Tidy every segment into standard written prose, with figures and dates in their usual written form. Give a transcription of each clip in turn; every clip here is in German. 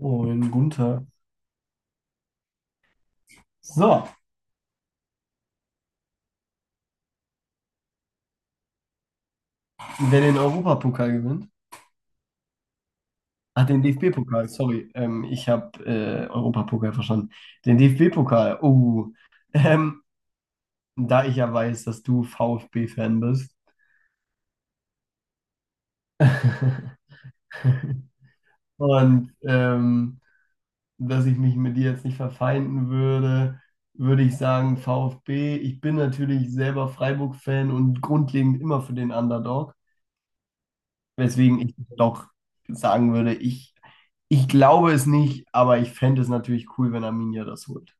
Moin, Gunther. So, wer den Europapokal gewinnt, ach, den DFB-Pokal, sorry, ich habe Europapokal verstanden. Den DFB-Pokal, oh, ähm, da ich ja weiß, dass du VfB-Fan bist und dass ich mich mit dir jetzt nicht verfeinden würde, würde ich sagen VfB. Ich bin natürlich selber Freiburg-Fan und grundlegend immer für den Underdog. Weswegen ich doch sagen würde, ich glaube es nicht, aber ich fände es natürlich cool, wenn Arminia das holt.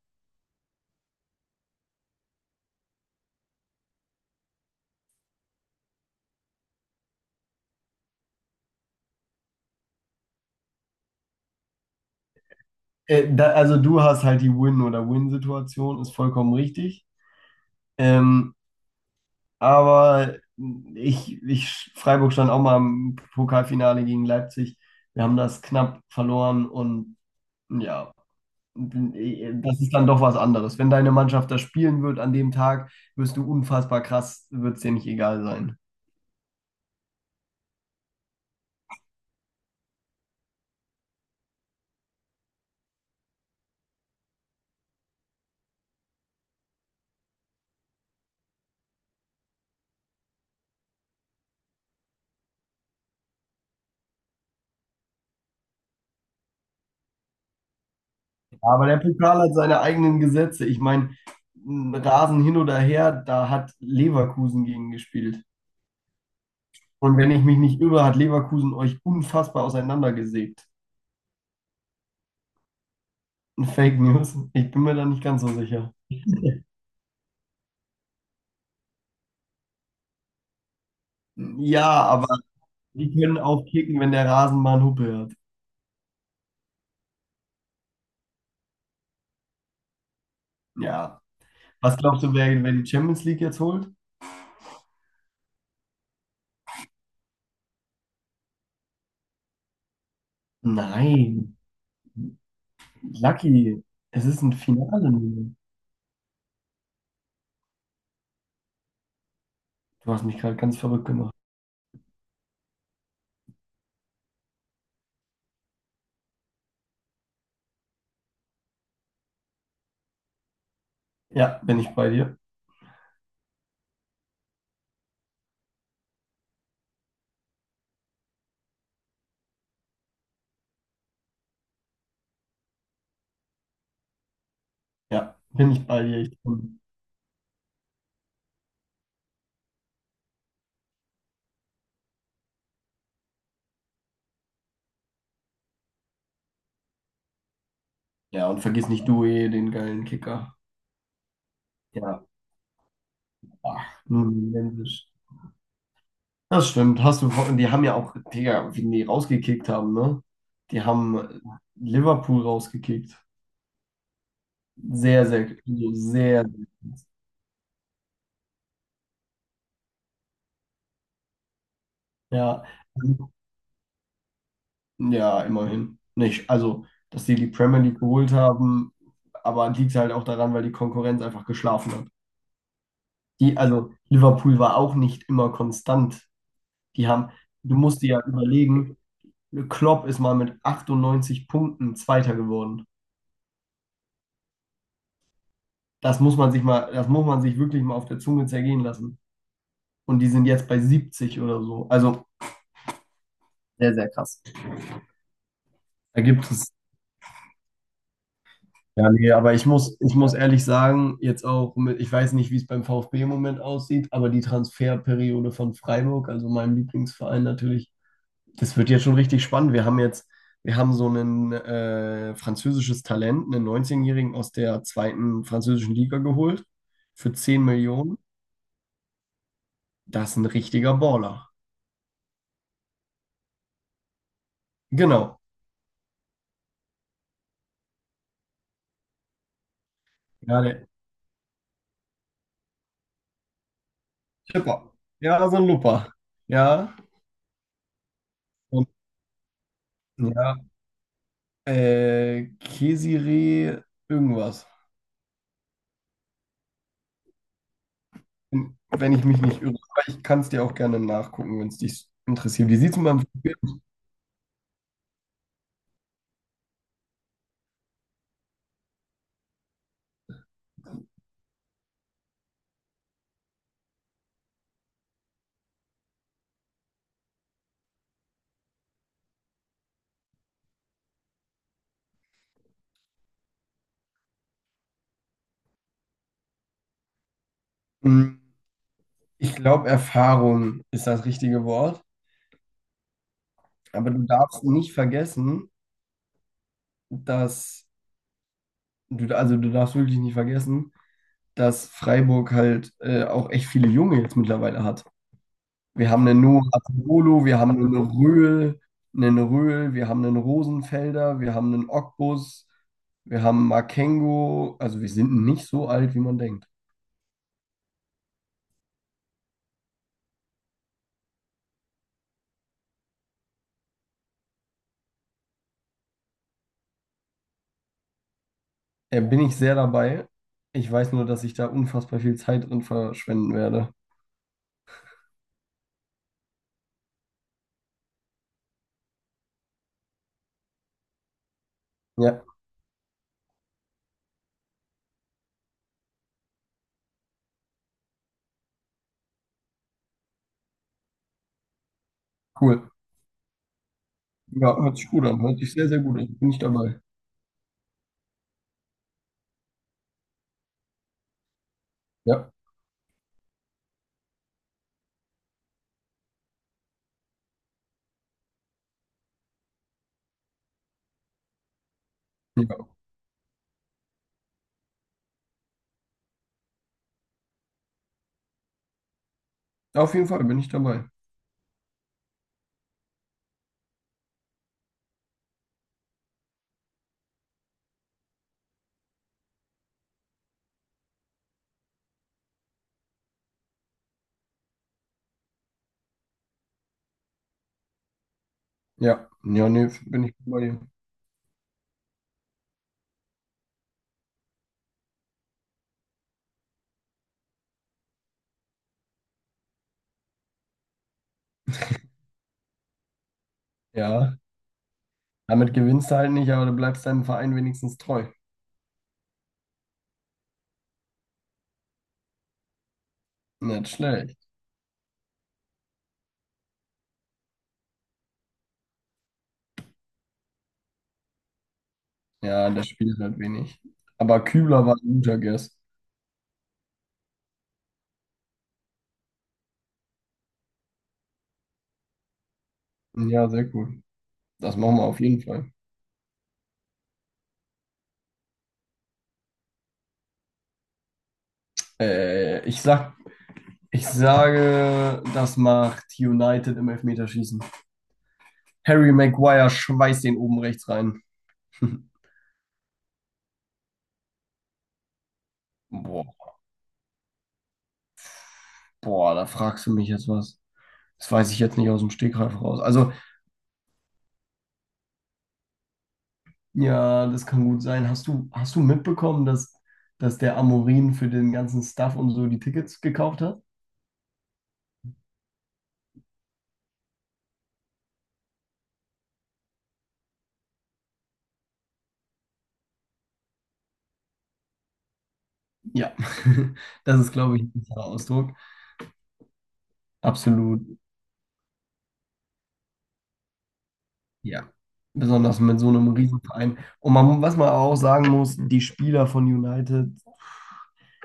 Da, also du hast halt die Win- oder Win-Situation, ist vollkommen richtig. Ähm, aber Freiburg stand auch mal im Pokalfinale gegen Leipzig. Wir haben das knapp verloren und ja, das ist dann doch was anderes. Wenn deine Mannschaft das spielen wird an dem Tag, wirst du unfassbar krass, wird es dir nicht egal sein. Aber der Pokal hat seine eigenen Gesetze. Ich meine, Rasen hin oder her, da hat Leverkusen gegen gespielt. Und wenn ich mich nicht irre, hat Leverkusen euch unfassbar auseinandergesägt. Fake News. Ich bin mir da nicht ganz so sicher. Ja, aber die können auch kicken, wenn der Rasen mal einen Huppe hat. Ja. Was glaubst du, wer die Champions League jetzt holt? Nein. Lucky, es ist ein Finale. Du hast mich gerade ganz verrückt gemacht. Ja, bin ich bei dir. Ja, bin ich bei dir. Ja, und vergiss nicht Due, den geilen Kicker. Ja, ach, nun, Mensch. Das stimmt. Hast du, die haben ja auch, Digga, wie die rausgekickt haben, ne? Die haben Liverpool rausgekickt. Sehr, sehr, also sehr, ja. Ja, immerhin. Nicht, also, dass die die Premier League geholt haben, aber liegt halt auch daran, weil die Konkurrenz einfach geschlafen hat. Die, also, Liverpool war auch nicht immer konstant. Die haben, du musst dir ja überlegen, Klopp ist mal mit 98 Punkten Zweiter geworden. Das muss man sich mal, das muss man sich wirklich mal auf der Zunge zergehen lassen. Und die sind jetzt bei 70 oder so. Also sehr, sehr krass. Da gibt es. Ja, nee, aber ich muss ehrlich sagen, jetzt auch mit, ich weiß nicht, wie es beim VfB im Moment aussieht, aber die Transferperiode von Freiburg, also meinem Lieblingsverein natürlich. Das wird jetzt schon richtig spannend. Wir haben jetzt, wir haben so ein französisches Talent, einen 19-Jährigen aus der zweiten französischen Liga geholt für 10 Millionen. Das ist ein richtiger Baller. Genau. Ja, der Chipper. Ja, so ein Lupper. Ja. Und, ja. Kesire irgendwas. Wenn ich mich nicht irre. Aber ich kann es dir auch gerne nachgucken, wenn es dich interessiert. Wie sieht es beim. Hm, Ich glaube, Erfahrung ist das richtige Wort. Aber du darfst nicht vergessen, dass du, also du darfst wirklich nicht vergessen, dass Freiburg halt auch echt viele Junge jetzt mittlerweile hat. Wir haben einen Noah Atubolo, wir haben einen Röhl, wir haben einen Rosenfelder, wir haben einen Ogbus, wir haben Makengo. Also wir sind nicht so alt, wie man denkt. Bin ich sehr dabei. Ich weiß nur, dass ich da unfassbar viel Zeit drin verschwenden werde. Ja, cool. Ja, hört sich gut an. Hört sich sehr, sehr gut an. Bin ich dabei. Ja. Auf jeden Fall bin ich dabei. Ja, ja, nee, bin ich bei dir. Ja, damit gewinnst du halt nicht, aber du bleibst deinem Verein wenigstens treu. Nicht schlecht. Ja, das spielt halt wenig. Aber Kübler war ein guter Guess. Ja, sehr cool. Das machen wir auf jeden Fall. Äh, ich sag, ich sage, das macht United im Elfmeterschießen. Harry Maguire schweißt den oben rechts rein. Boah, boah, da fragst du mich jetzt was. Das weiß ich jetzt nicht aus dem Stegreif raus. Also ja, das kann gut sein. Hast du mitbekommen, dass der Amorin für den ganzen Stuff und so die Tickets gekauft hat? Ja, das ist, glaube ich, ein besserer Ausdruck. Absolut, ja. Besonders mit so einem Riesenverein. Und man, was man auch sagen muss, die Spieler von United,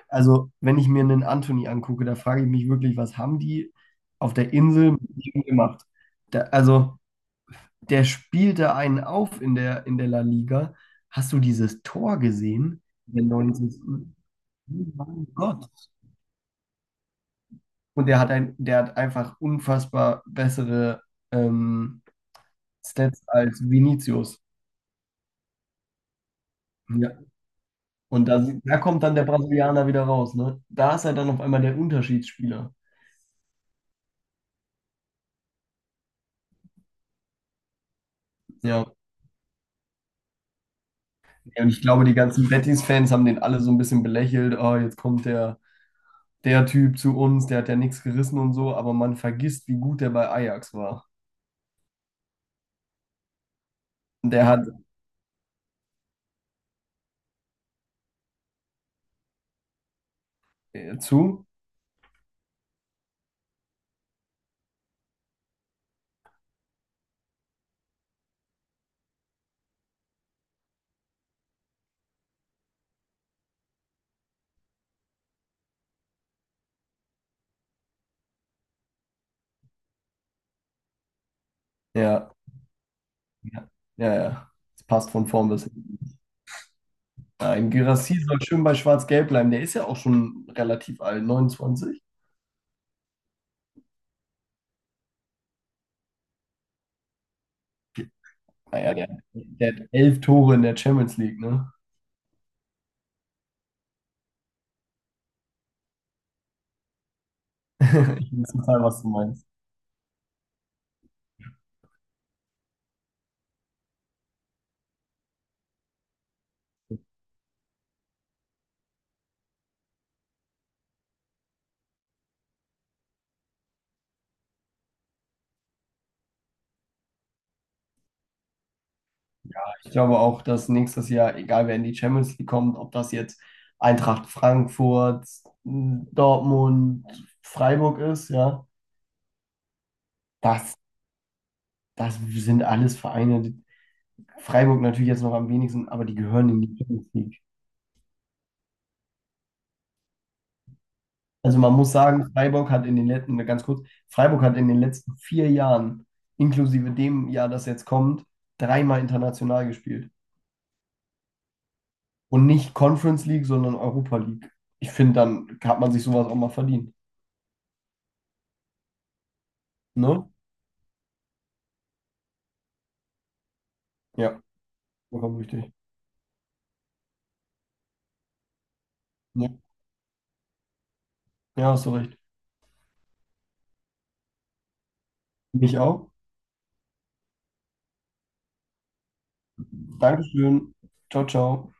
also wenn ich mir einen Anthony angucke, da frage ich mich wirklich, was haben die auf der Insel mit ihm gemacht? Da, also der spielt da einen auf in der La Liga. Hast du dieses Tor gesehen? In der 90. Oh mein Gott. Und der hat einfach unfassbar bessere ähm, Stats als Vinicius. Ja. Und da, da kommt dann der Brasilianer wieder raus, ne? Da ist er dann auf einmal der Unterschiedsspieler. Ja. Ja, und ich glaube, die ganzen Betis-Fans haben den alle so ein bisschen belächelt. Oh, jetzt kommt der Typ zu uns, der hat ja nichts gerissen und so, aber man vergisst, wie gut der bei Ajax war. Der hat. Zu? Ja, ja, ja, ja. Das passt von vorn bis hinten. Nein, Guirassy soll schön bei Schwarz-Gelb bleiben. Der ist ja auch schon relativ alt, 29. Naja, der hat 11 Tore in der Champions League, ne? Ich weiß total, was du meinst. Ich glaube auch, dass nächstes Jahr, egal wer in die Champions League kommt, ob das jetzt Eintracht Frankfurt, Dortmund, Freiburg ist, ja, das, das sind alles Vereine. Freiburg natürlich jetzt noch am wenigsten, aber die gehören in die Champions League. Also man muss sagen, Freiburg hat in den letzten, ganz kurz, Freiburg hat in den letzten 4 Jahren, inklusive dem Jahr, das jetzt kommt, dreimal international gespielt. Und nicht Conference League, sondern Europa League. Ich finde, dann hat man sich sowas auch mal verdient. Ne? Ja, vollkommen richtig. Ja, ja, hast du recht. Mich auch. Dankeschön. Ciao, ciao.